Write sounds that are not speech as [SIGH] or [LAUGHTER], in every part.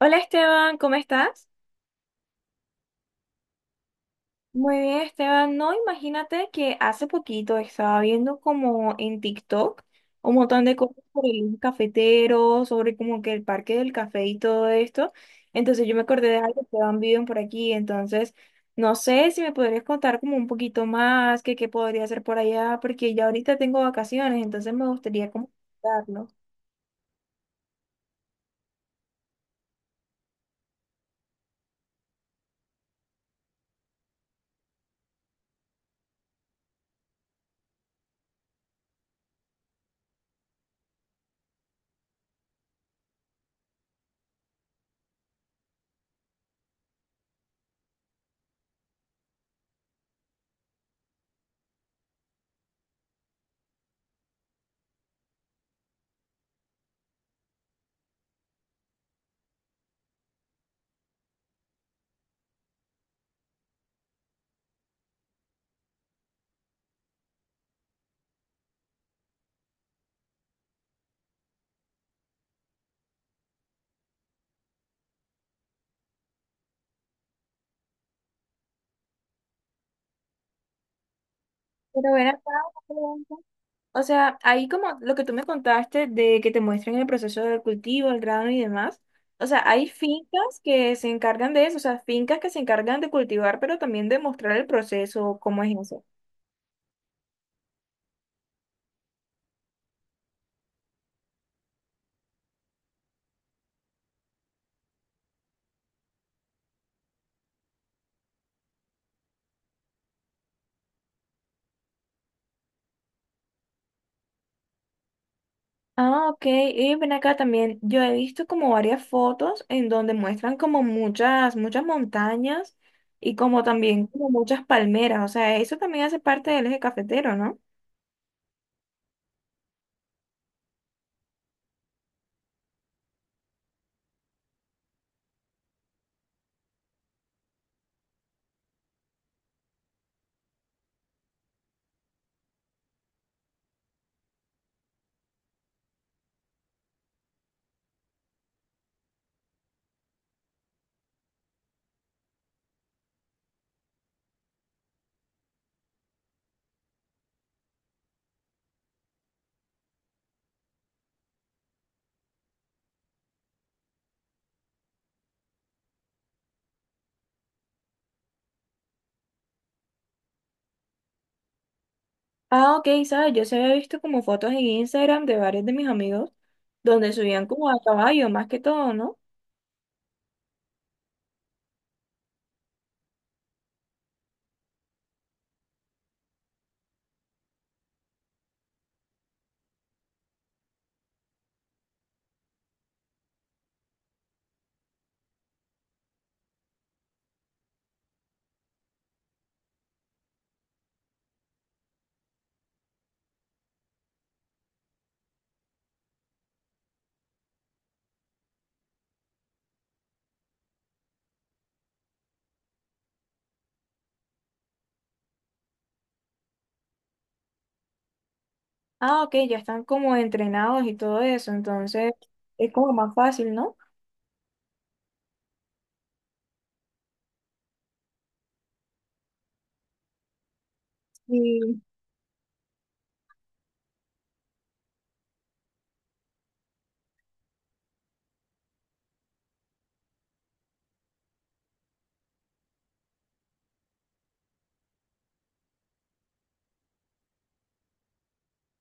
Hola Esteban, ¿cómo estás? Muy bien, Esteban. No, imagínate que hace poquito estaba viendo como en TikTok un montón de cosas sobre el cafetero, sobre como que el parque del café y todo esto. Entonces yo me acordé de algo que van viven por aquí. Entonces, no sé si me podrías contar como un poquito más, que qué podría hacer por allá, porque ya ahorita tengo vacaciones, entonces me gustaría como contarlo. Pero ven acá. O sea, ahí como lo que tú me contaste de que te muestran el proceso del cultivo, el grano y demás. O sea, hay fincas que se encargan de eso, o sea, fincas que se encargan de cultivar, pero también de mostrar el proceso, cómo es eso. Ah, ok. Y ven acá también. Yo he visto como varias fotos en donde muestran como muchas, muchas montañas y como también como muchas palmeras. O sea, eso también hace parte del eje cafetero, ¿no? Ah, ok, sabes, yo se había visto como fotos en Instagram de varios de mis amigos donde subían como a caballo, más que todo, ¿no? Ah, ok, ya están como entrenados y todo eso, entonces es como más fácil, ¿no? Sí.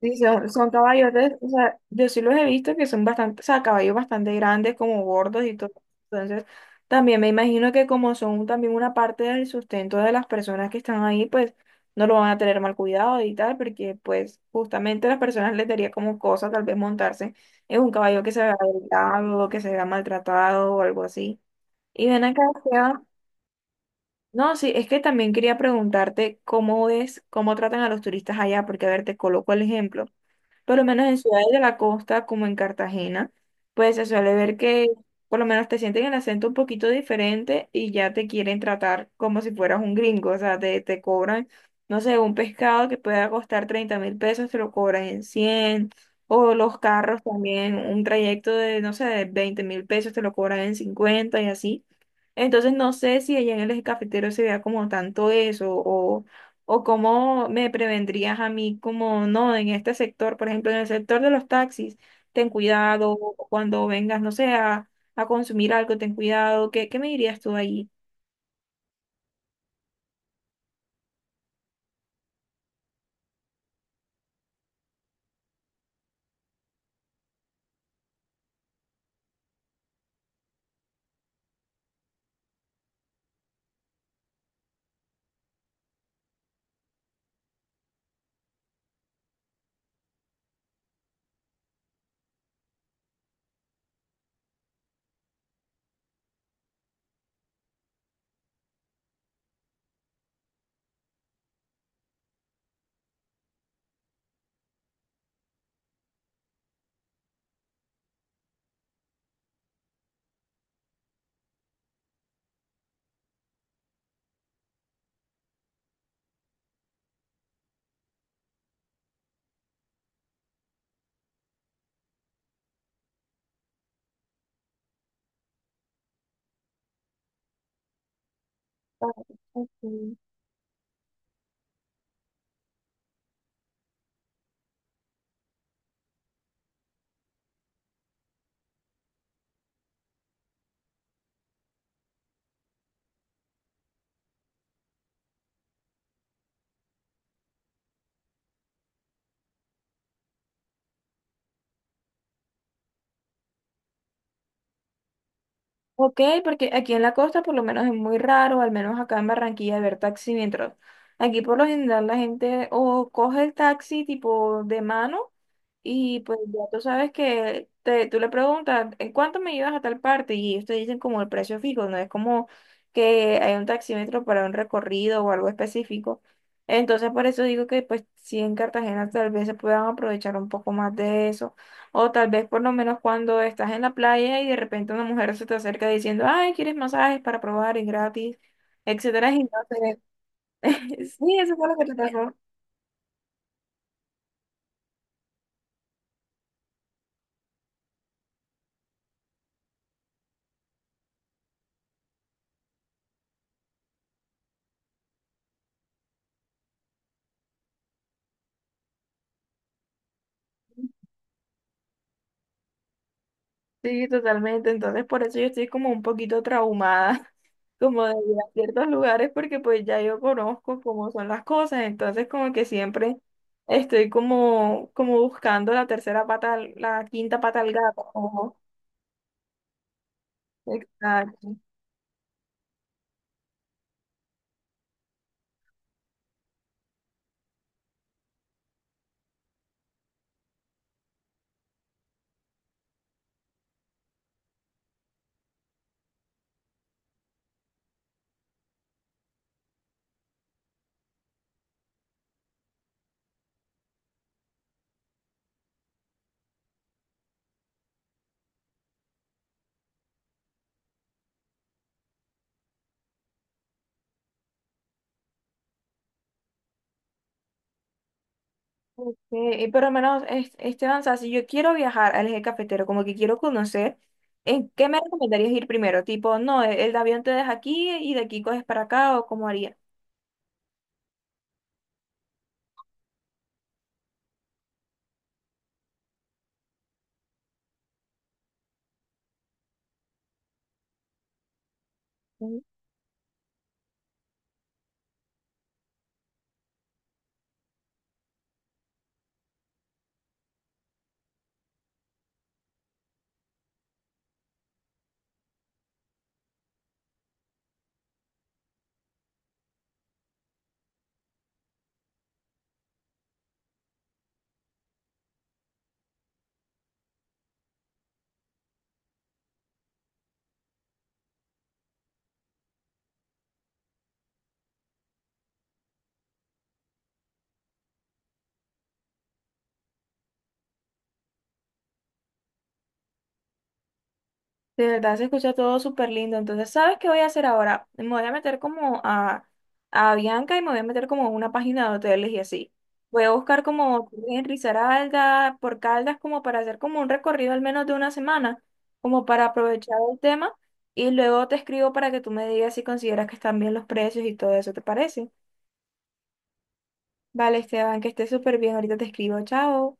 Sí, son, son caballos de, o sea, yo sí los he visto que son bastante, o sea, caballos bastante grandes, como gordos y todo. Entonces, también me imagino que como son también una parte del sustento de las personas que están ahí, pues no lo van a tener mal cuidado y tal, porque pues justamente a las personas les daría como cosa tal vez montarse en un caballo que se vea delgado, que se vea maltratado o algo así. Y ven acá, Esteban, no, sí, es que también quería preguntarte cómo es, cómo tratan a los turistas allá, porque a ver, te coloco el ejemplo. Por lo menos en ciudades de la costa, como en Cartagena, pues se suele ver que por lo menos te sienten el acento un poquito diferente y ya te quieren tratar como si fueras un gringo. O sea, te cobran, no sé, un pescado que pueda costar 30.000 pesos, te lo cobran en 100. O los carros también, un trayecto de, no sé, de 20.000 pesos, te lo cobran en 50 y así. Entonces no sé si allá en el eje cafetero se vea como tanto eso o cómo me prevendrías a mí como, no, en este sector, por ejemplo, en el sector de los taxis, ten cuidado, o cuando vengas, no sé, a consumir algo, ten cuidado, ¿qué me dirías tú ahí? Ah, ok, ok, porque aquí en la costa por lo menos es muy raro, al menos acá en Barranquilla, ver taxi mientras. Aquí por lo general la gente o coge el taxi tipo de mano. Y pues ya tú sabes que te, tú le preguntas, ¿en cuánto me llevas a tal parte? Y ellos te dicen como el precio fijo, no es como que hay un taxímetro para un recorrido o algo específico. Entonces por eso digo que pues sí en Cartagena tal vez se puedan aprovechar un poco más de eso. O tal vez por lo menos cuando estás en la playa y de repente una mujer se te acerca diciendo, ay, ¿quieres masajes para probar? Es gratis, etcétera. Y no sé. [LAUGHS] Sí, eso fue lo que te pasó. Sí, totalmente. Entonces, por eso yo estoy como un poquito traumada, [LAUGHS] como de ir a ciertos lugares, porque pues ya yo conozco cómo son las cosas. Entonces, como que siempre estoy como, como buscando la tercera pata, la quinta pata al gato. Ojo. Exacto. Ok, y por lo menos, Esteban, o sea, si yo quiero viajar al eje cafetero, como que quiero conocer, ¿en qué me recomendarías ir primero? Tipo, no, el avión te deja aquí y de aquí coges para acá, o cómo haría. De verdad se escucha todo súper lindo. Entonces, ¿sabes qué voy a hacer ahora? Me voy a meter como a Bianca y me voy a meter como a una página de hoteles y así. Voy a buscar como en Risaralda, por Caldas, como para hacer como un recorrido al menos de una semana, como para aprovechar el tema. Y luego te escribo para que tú me digas si consideras que están bien los precios y todo eso, ¿te parece? Vale, Esteban, que estés súper bien. Ahorita te escribo. Chao.